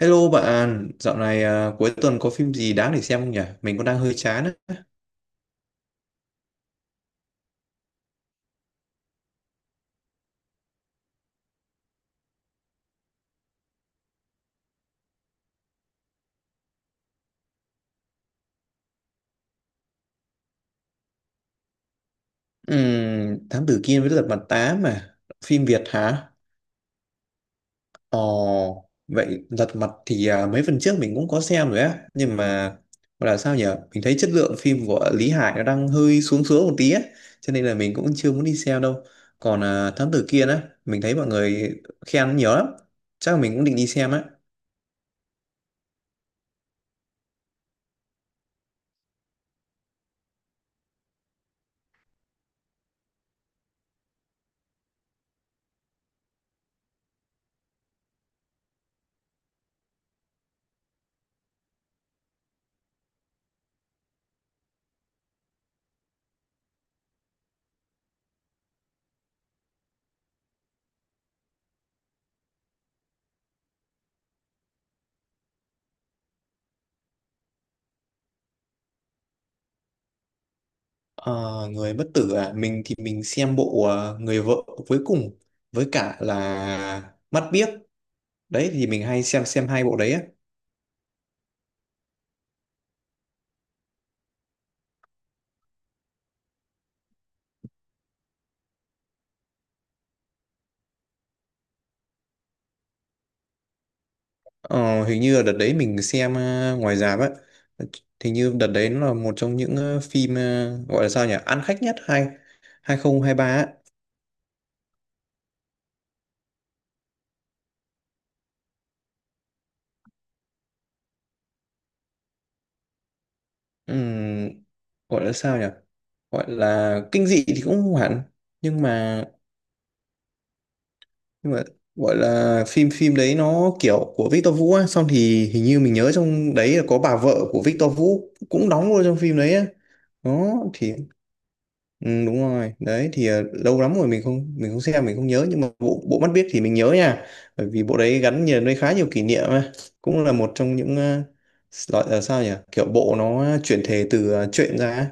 Hello bạn, dạo này cuối tuần có phim gì đáng để xem không nhỉ? Mình cũng đang hơi chán á. Thám Tử Kiên với Lật Mặt 8 mà. Phim Việt hả? Ồ, vậy Lật Mặt thì mấy phần trước mình cũng có xem rồi á. Nhưng mà gọi là sao nhỉ? Mình thấy chất lượng phim của Lý Hải nó đang hơi xuống xuống một tí á. Cho nên là mình cũng chưa muốn đi xem đâu. Còn Thám Tử Kiên á, mình thấy mọi người khen nhiều lắm. Chắc là mình cũng định đi xem á. Ờ, người bất tử à, mình thì mình xem bộ người vợ cuối cùng với cả là mắt biếc. Đấy thì mình hay xem hai bộ đấy á. Ờ, hình như là đợt đấy mình xem ngoài rạp á. Hình như đợt đấy nó là một trong những phim gọi là sao nhỉ, ăn khách nhất 2023 á. Ừm, gọi là sao nhỉ, gọi là kinh dị thì cũng không hẳn, nhưng mà nhưng mà gọi là phim phim đấy nó kiểu của Victor Vũ á. Xong thì hình như mình nhớ trong đấy là có bà vợ của Victor Vũ cũng đóng luôn trong phim đấy á. Đó thì ừ, đúng rồi. Đấy thì lâu lắm rồi mình không xem, mình không nhớ, nhưng mà bộ bộ Mắt Biếc thì mình nhớ nha. Bởi vì bộ đấy gắn liền với khá nhiều kỷ niệm á. Cũng là một trong những loại là sao nhỉ, kiểu bộ nó chuyển thể từ truyện ra á.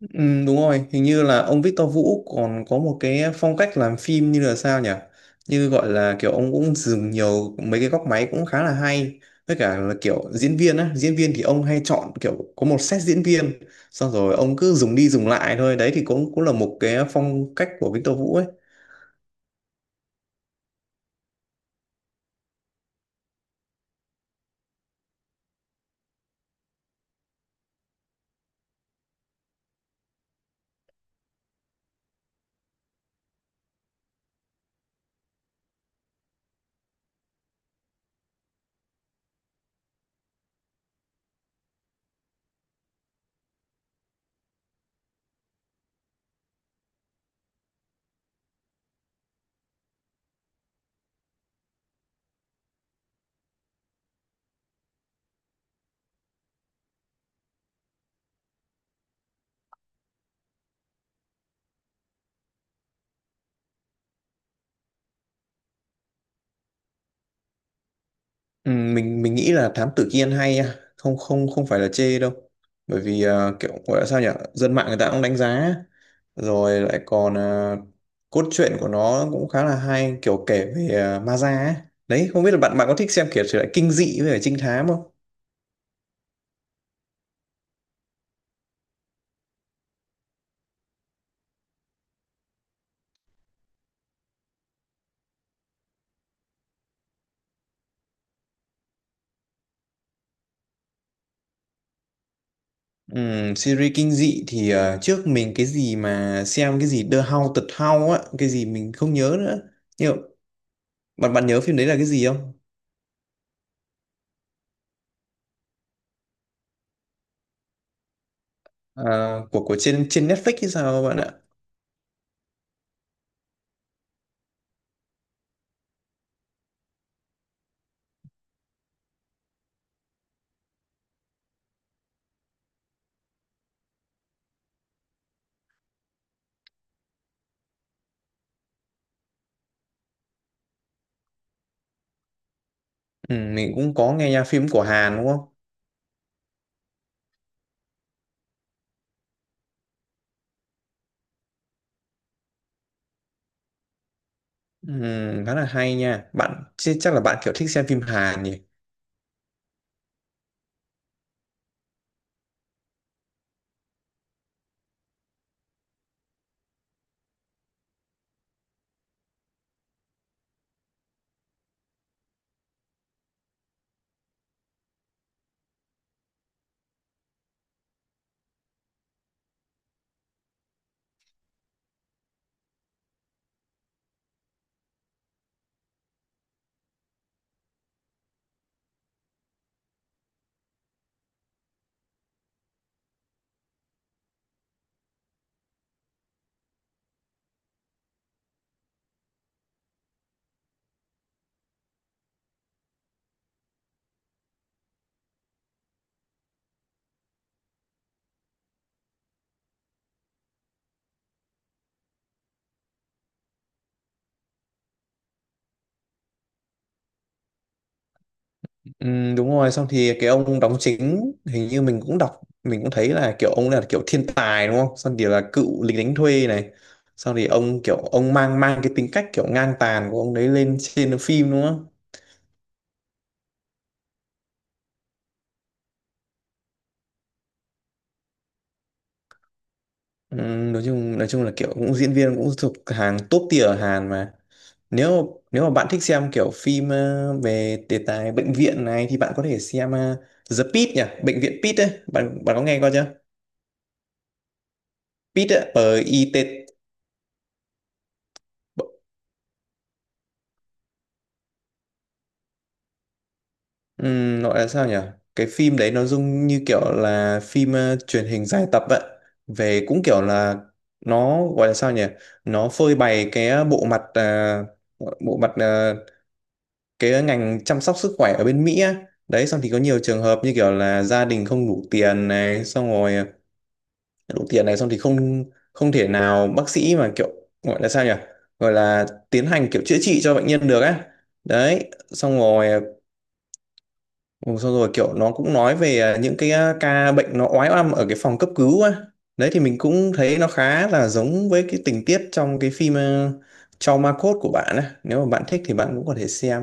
Ừ, đúng rồi, hình như là ông Victor Vũ còn có một cái phong cách làm phim như là sao nhỉ? Như gọi là kiểu ông cũng dùng nhiều mấy cái góc máy cũng khá là hay. Với cả là kiểu diễn viên á, diễn viên thì ông hay chọn kiểu có một set diễn viên, xong rồi ông cứ dùng đi dùng lại thôi. Đấy thì cũng cũng là một cái phong cách của Victor Vũ ấy. Ừ, mình nghĩ là Thám Tử Kiên hay nha. Không không không phải là chê đâu, bởi vì kiểu gọi là sao nhỉ, dân mạng người ta cũng đánh giá, rồi lại còn cốt truyện của nó cũng khá là hay, kiểu kể về ma da ấy. Đấy, không biết là bạn bạn có thích xem kiểu thể loại kinh dị với cả trinh thám không? Series kinh dị thì trước mình cái gì mà xem, cái gì The Haunted House á, cái gì mình không nhớ nữa, nhưng mà bạn bạn nhớ phim đấy là cái gì không? À, của trên trên Netflix hay sao bạn ạ? Ừ, mình cũng có nghe nha, phim của Hàn đúng không? Ừ, khá là hay nha. Bạn chứ chắc là bạn kiểu thích xem phim Hàn nhỉ? Ừ, đúng rồi. Xong thì cái ông đóng chính, hình như mình cũng đọc, mình cũng thấy là kiểu ông là kiểu thiên tài đúng không? Xong thì là cựu lính đánh thuê này. Xong thì ông kiểu ông mang mang cái tính cách kiểu ngang tàn của ông đấy lên trên phim đúng không? Ừ, nói chung là kiểu cũng diễn viên cũng thuộc hàng top tier ở Hàn mà. Nếu nếu mà bạn thích xem kiểu phim về đề tài bệnh viện này thì bạn có thể xem The Pitt nhỉ, bệnh viện Pitt ấy, bạn bạn có nghe qua chưa? Pitt ấy, P-I-T. Gọi là sao nhỉ, cái phim đấy nó dung như kiểu là phim truyền hình dài tập ấy, về cũng kiểu là nó gọi là sao nhỉ, nó phơi bày cái bộ mặt cái ngành chăm sóc sức khỏe ở bên Mỹ á. Đấy xong thì có nhiều trường hợp như kiểu là gia đình không đủ tiền này, xong rồi đủ tiền này, xong thì không không thể nào bác sĩ mà kiểu gọi là sao nhỉ, gọi là tiến hành kiểu chữa trị cho bệnh nhân được á. Đấy xong rồi ừ, xong rồi kiểu nó cũng nói về những cái ca bệnh nó oái oăm ở cái phòng cấp cứu á. Đấy thì mình cũng thấy nó khá là giống với cái tình tiết trong cái phim Trauma Code của bạn á, nếu mà bạn thích thì bạn cũng có thể xem.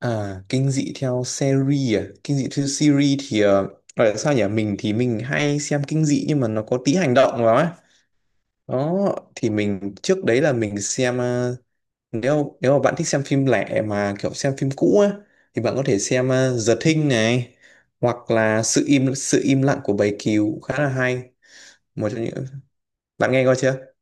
Kinh dị theo series thì gọi là sao nhỉ, mình thì mình hay xem kinh dị nhưng mà nó có tí hành động vào ấy. Đó, thì mình trước đấy là mình xem nếu nếu mà bạn thích xem phim lẻ mà kiểu xem phim cũ á thì bạn có thể xem The Thing này, hoặc là sự im lặng của bầy cừu khá là hay, một trong những, bạn nghe coi chưa?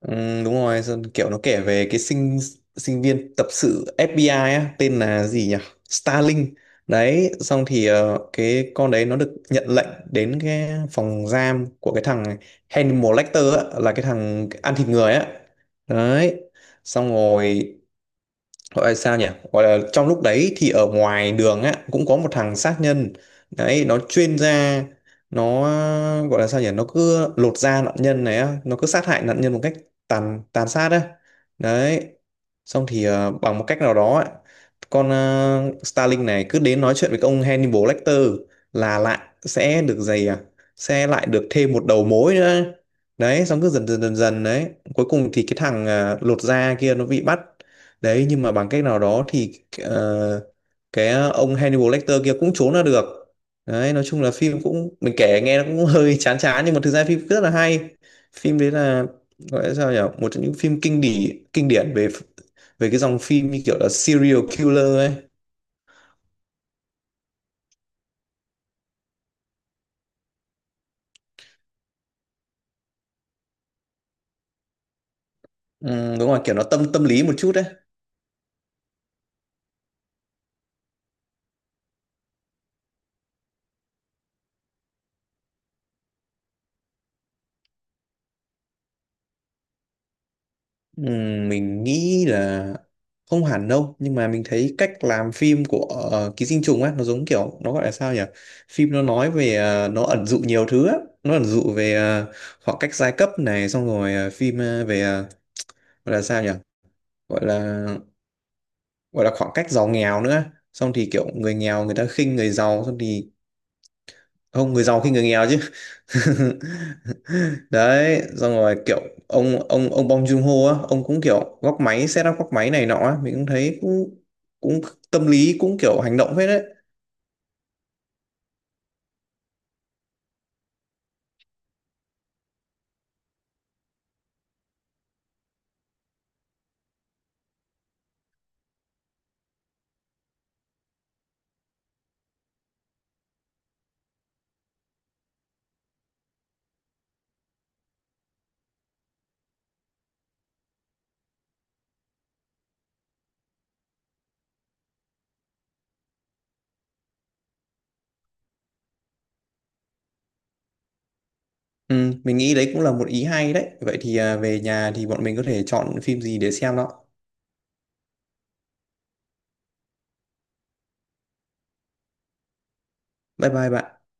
Ừ, đúng rồi, xong kiểu nó kể về cái sinh sinh viên tập sự FBI á, tên là gì nhỉ? Starling. Đấy, xong thì cái con đấy nó được nhận lệnh đến cái phòng giam của cái thằng Hannibal Lecter á, là cái thằng ăn thịt người á. Đấy. Xong rồi gọi là sao nhỉ, gọi là trong lúc đấy thì ở ngoài đường á cũng có một thằng sát nhân, đấy nó chuyên ra, nó gọi là sao nhỉ, nó cứ lột da nạn nhân này á, nó cứ sát hại nạn nhân một cách tàn tàn sát á. Đấy xong thì bằng một cách nào đó á, con Starling này cứ đến nói chuyện với ông Hannibal Lecter là lại sẽ được giày à sẽ lại được thêm một đầu mối nữa. Đấy xong cứ dần dần dần dần, đấy cuối cùng thì cái thằng lột da kia nó bị bắt. Đấy nhưng mà bằng cách nào đó thì ờ, ông Hannibal Lecter kia cũng trốn ra được. Đấy nói chung là phim cũng mình kể nghe nó cũng hơi chán chán nhưng mà thực ra phim rất là hay. Phim đấy là gọi là sao nhỉ? Một trong những phim kinh điển về về cái dòng phim như kiểu là serial killer ấy. Ừ, đúng rồi, kiểu nó tâm tâm lý một chút đấy. Mình nghĩ là không hẳn đâu, nhưng mà mình thấy cách làm phim của Ký Sinh Trùng á, nó giống kiểu nó gọi là sao nhỉ, phim nó nói về nó ẩn dụ nhiều thứ á. Nó ẩn dụ về khoảng cách giai cấp này, xong rồi phim về gọi là sao nhỉ, gọi là gọi là khoảng cách giàu nghèo nữa. Xong thì kiểu người nghèo người ta khinh người giàu, xong thì không, người giàu khi người nghèo chứ. Đấy xong rồi kiểu ông Bong Joon-ho á, ông cũng kiểu góc máy, set up góc máy này nọ á, mình cũng thấy cũng cũng tâm lý cũng kiểu hành động hết đấy. Ừ, mình nghĩ đấy cũng là một ý hay đấy, vậy thì về nhà thì bọn mình có thể chọn phim gì để xem đó. Bye bye bạn.